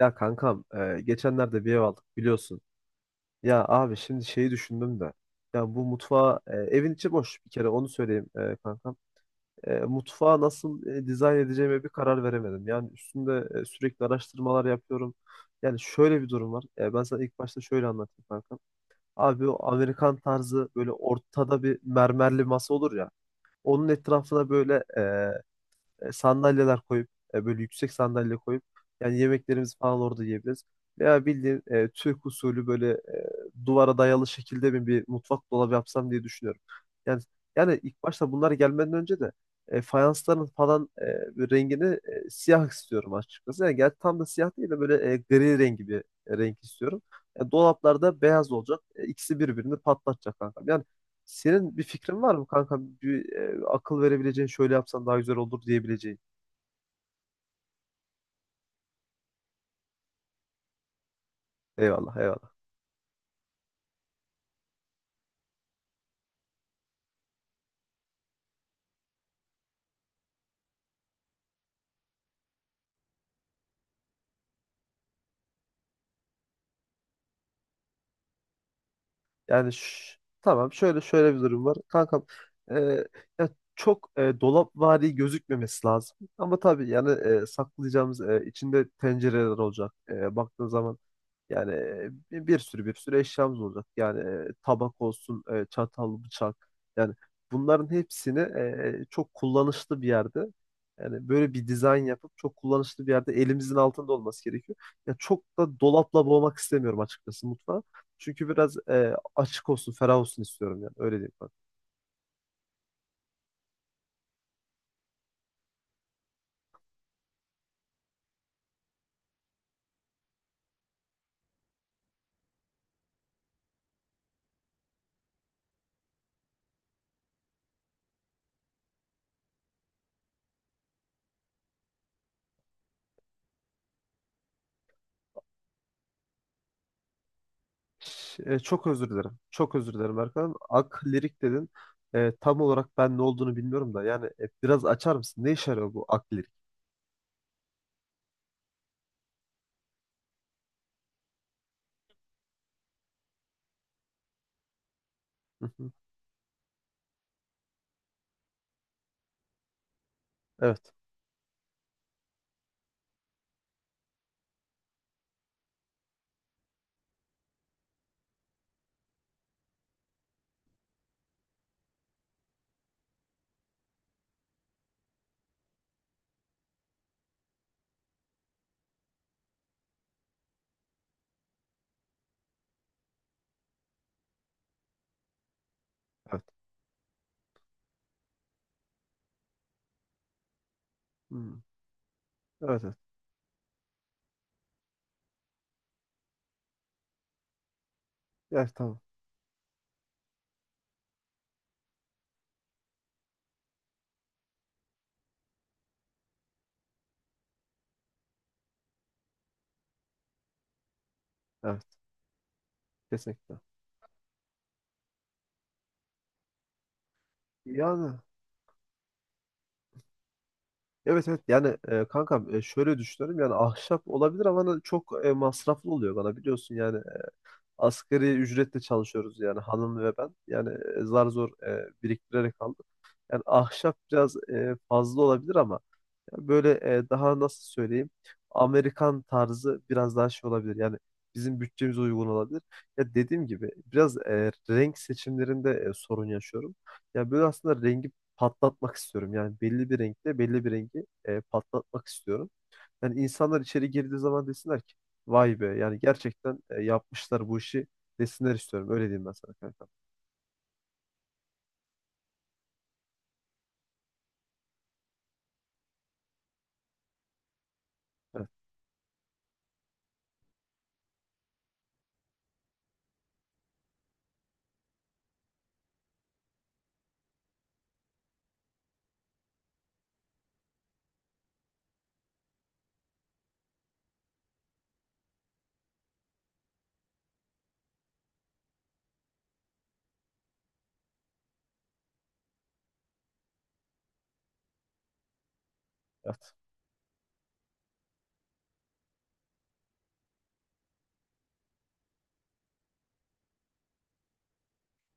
Ya kankam, geçenlerde bir ev aldık biliyorsun. Ya abi şimdi şeyi düşündüm de. Ya bu mutfağı, evin içi boş bir kere onu söyleyeyim kankam. Mutfağı nasıl dizayn edeceğime bir karar veremedim. Yani üstünde sürekli araştırmalar yapıyorum. Yani şöyle bir durum var. Ben sana ilk başta şöyle anlatayım kankam. Abi o Amerikan tarzı böyle ortada bir mermerli masa olur ya. Onun etrafına böyle sandalyeler koyup böyle yüksek sandalye koyup yani yemeklerimizi falan orada yiyebiliriz. Veya bildiğin Türk usulü böyle duvara dayalı şekilde mi bir mutfak dolabı yapsam diye düşünüyorum. Yani yani ilk başta bunlar gelmeden önce de fayansların falan bir rengini siyah istiyorum açıkçası. Yani gerçi tam da siyah değil de böyle gri rengi bir renk istiyorum. Dolaplarda beyaz olacak. İkisi birbirini patlatacak kanka. Yani senin bir fikrin var mı kanka? Bir, akıl verebileceğin şöyle yapsan daha güzel olur diyebileceğin. Eyvallah, eyvallah. Yani ş- tamam şöyle bir durum var. Kankam, e, ya çok dolapvari gözükmemesi lazım. Ama tabii yani saklayacağımız içinde tencereler olacak. Baktığın zaman yani bir, bir sürü bir sürü eşyamız olacak. Yani tabak olsun, çatal, bıçak. Yani bunların hepsini çok kullanışlı bir yerde yani böyle bir dizayn yapıp çok kullanışlı bir yerde elimizin altında olması gerekiyor. Ya çok da dolapla boğmak istemiyorum açıkçası mutfağı. Çünkü biraz açık olsun, ferah olsun istiyorum yani. Öyle diyeyim bak. Çok özür dilerim. Çok özür dilerim Erkan. Ak lirik dedin. Tam olarak ben ne olduğunu bilmiyorum da. Yani biraz açar mısın? Ne işe yarıyor bu ak lirik? Hı hı. Evet. Evet. Hmm. Evet, evet. Evet, tamam. Evet. Kesinlikle. Yani evet, evet, yani kankam, şöyle düşünüyorum yani ahşap olabilir ama hani çok masraflı oluyor bana biliyorsun yani asgari ücretle çalışıyoruz yani hanım ve ben. Yani zar zor biriktirerek aldık. Yani ahşap biraz fazla olabilir ama yani böyle daha nasıl söyleyeyim, Amerikan tarzı biraz daha şey olabilir. Yani bizim bütçemize uygun olabilir. Ya dediğim gibi biraz renk seçimlerinde sorun yaşıyorum. Ya böyle aslında rengi patlatmak istiyorum. Yani belli bir renkte belli bir rengi patlatmak istiyorum. Yani insanlar içeri girdiği zaman desinler ki vay be, yani gerçekten yapmışlar bu işi desinler istiyorum. Öyle diyeyim ben sana kanka. Evet, evet,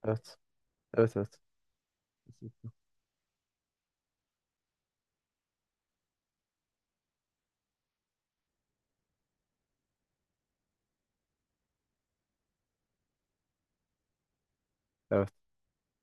evet, evet, evet. Kesinlikle. Evet.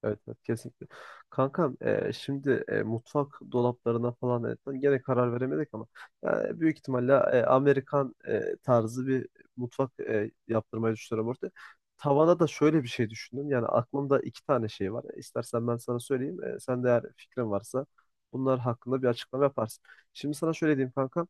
Evet, evet, kesinlikle. Kankam, şimdi mutfak dolaplarına falan gene karar veremedik ama büyük ihtimalle Amerikan tarzı bir mutfak yaptırmayı düşünüyorum orada. Tavana da şöyle bir şey düşündüm. Yani aklımda iki tane şey var. İstersen ben sana söyleyeyim. Sen de eğer fikrin varsa bunlar hakkında bir açıklama yaparsın. Şimdi sana şöyle diyeyim kankam.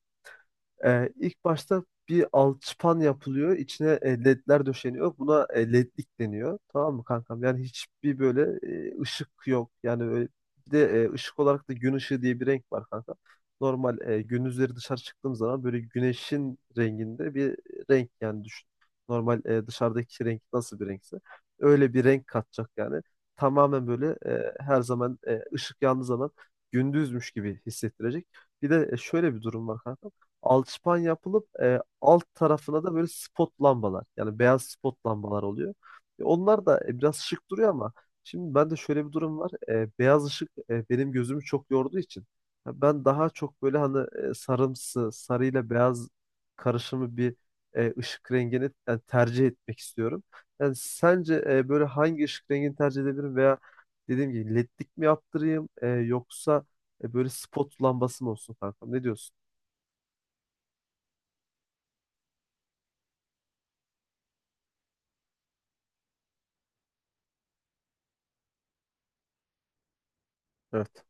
İlk başta bir alçıpan yapılıyor. İçine ledler döşeniyor. Buna ledlik deniyor. Tamam mı kankam? Yani hiçbir böyle ışık yok. Yani öyle, bir de ışık olarak da gün ışığı diye bir renk var kanka. Normal gündüzleri dışarı çıktığım zaman böyle güneşin renginde bir renk yani düşün. Normal dışarıdaki renk nasıl bir renkse. Öyle bir renk katacak yani. Tamamen böyle her zaman ışık yandığı zaman gündüzmüş gibi hissettirecek. Bir de şöyle bir durum var kanka, alçıpan yapılıp alt tarafına da böyle spot lambalar yani beyaz spot lambalar oluyor. Onlar da biraz şık duruyor ama şimdi bende şöyle bir durum var. Beyaz ışık benim gözümü çok yorduğu için ya ben daha çok böyle hani sarımsı, sarıyla beyaz karışımı bir ışık rengini yani tercih etmek istiyorum. Yani sence böyle hangi ışık rengini tercih edebilirim veya dediğim gibi ledlik mi yaptırayım yoksa böyle spot lambası mı olsun kankam? Ne diyorsun? Evet.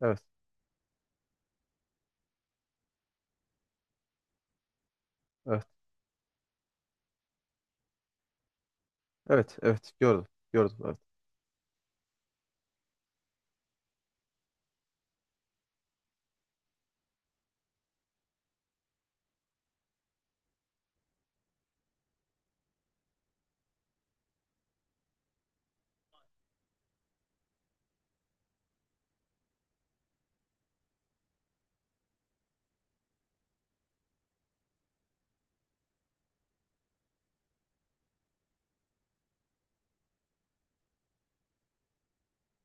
Evet. Evet. Evet. Evet. Gördüm. Gördüm. Evet.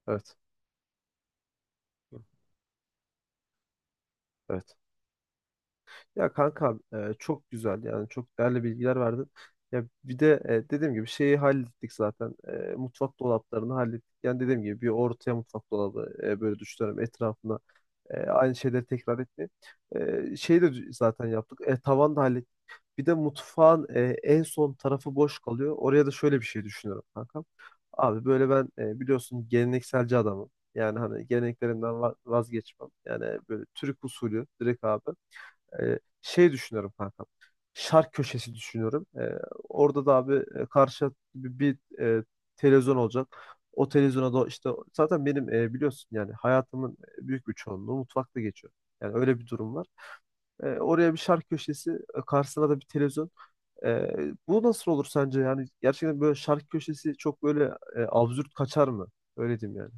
Evet. Gördüm. Evet. Ya kanka, çok güzel yani çok değerli bilgiler verdin. Ya bir de dediğim gibi şeyi hallettik zaten. Mutfak dolaplarını hallettik. Yani dediğim gibi bir ortaya mutfak dolabı böyle düşünüyorum, etrafına aynı şeyleri tekrar etmeyin. Şeyi de zaten yaptık. Tavan da hallettik. Bir de mutfağın en son tarafı boş kalıyor. Oraya da şöyle bir şey düşünüyorum kankam. Abi böyle ben biliyorsun gelenekselci adamım. Yani hani geleneklerimden vazgeçmem. Yani böyle Türk usulü direkt abi. Şey düşünüyorum kankam. Şark köşesi düşünüyorum. Orada da abi karşı televizyon olacak. O televizyona da işte zaten benim biliyorsun yani hayatımın büyük bir çoğunluğu mutfakta geçiyor. Yani öyle bir durum var. Oraya bir şark köşesi, karşısına da bir televizyon. Ee, Bu nasıl olur sence? Yani gerçekten böyle şarkı köşesi çok böyle absürt kaçar mı? Öyle diyeyim yani.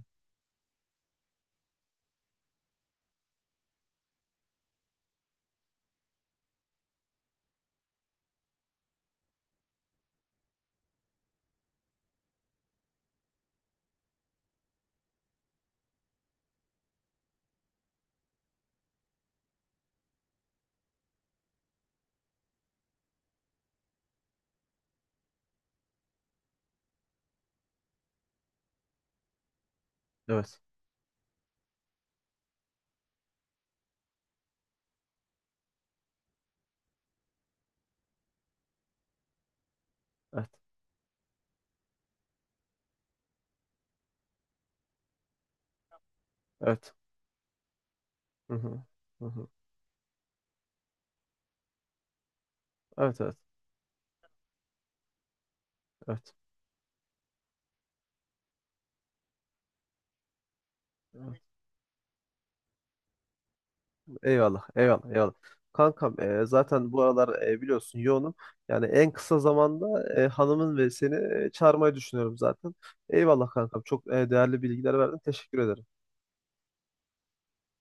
Evet. Evet. Evet. Hı hı. Hı hı. Evet, evet. Evet. Evet. Eyvallah. Eyvallah. Eyvallah. Kankam, zaten bu aralar biliyorsun yoğunum. Yani en kısa zamanda hanımın ve seni çağırmayı düşünüyorum zaten. Eyvallah kankam. Çok değerli bilgiler verdin. Teşekkür ederim.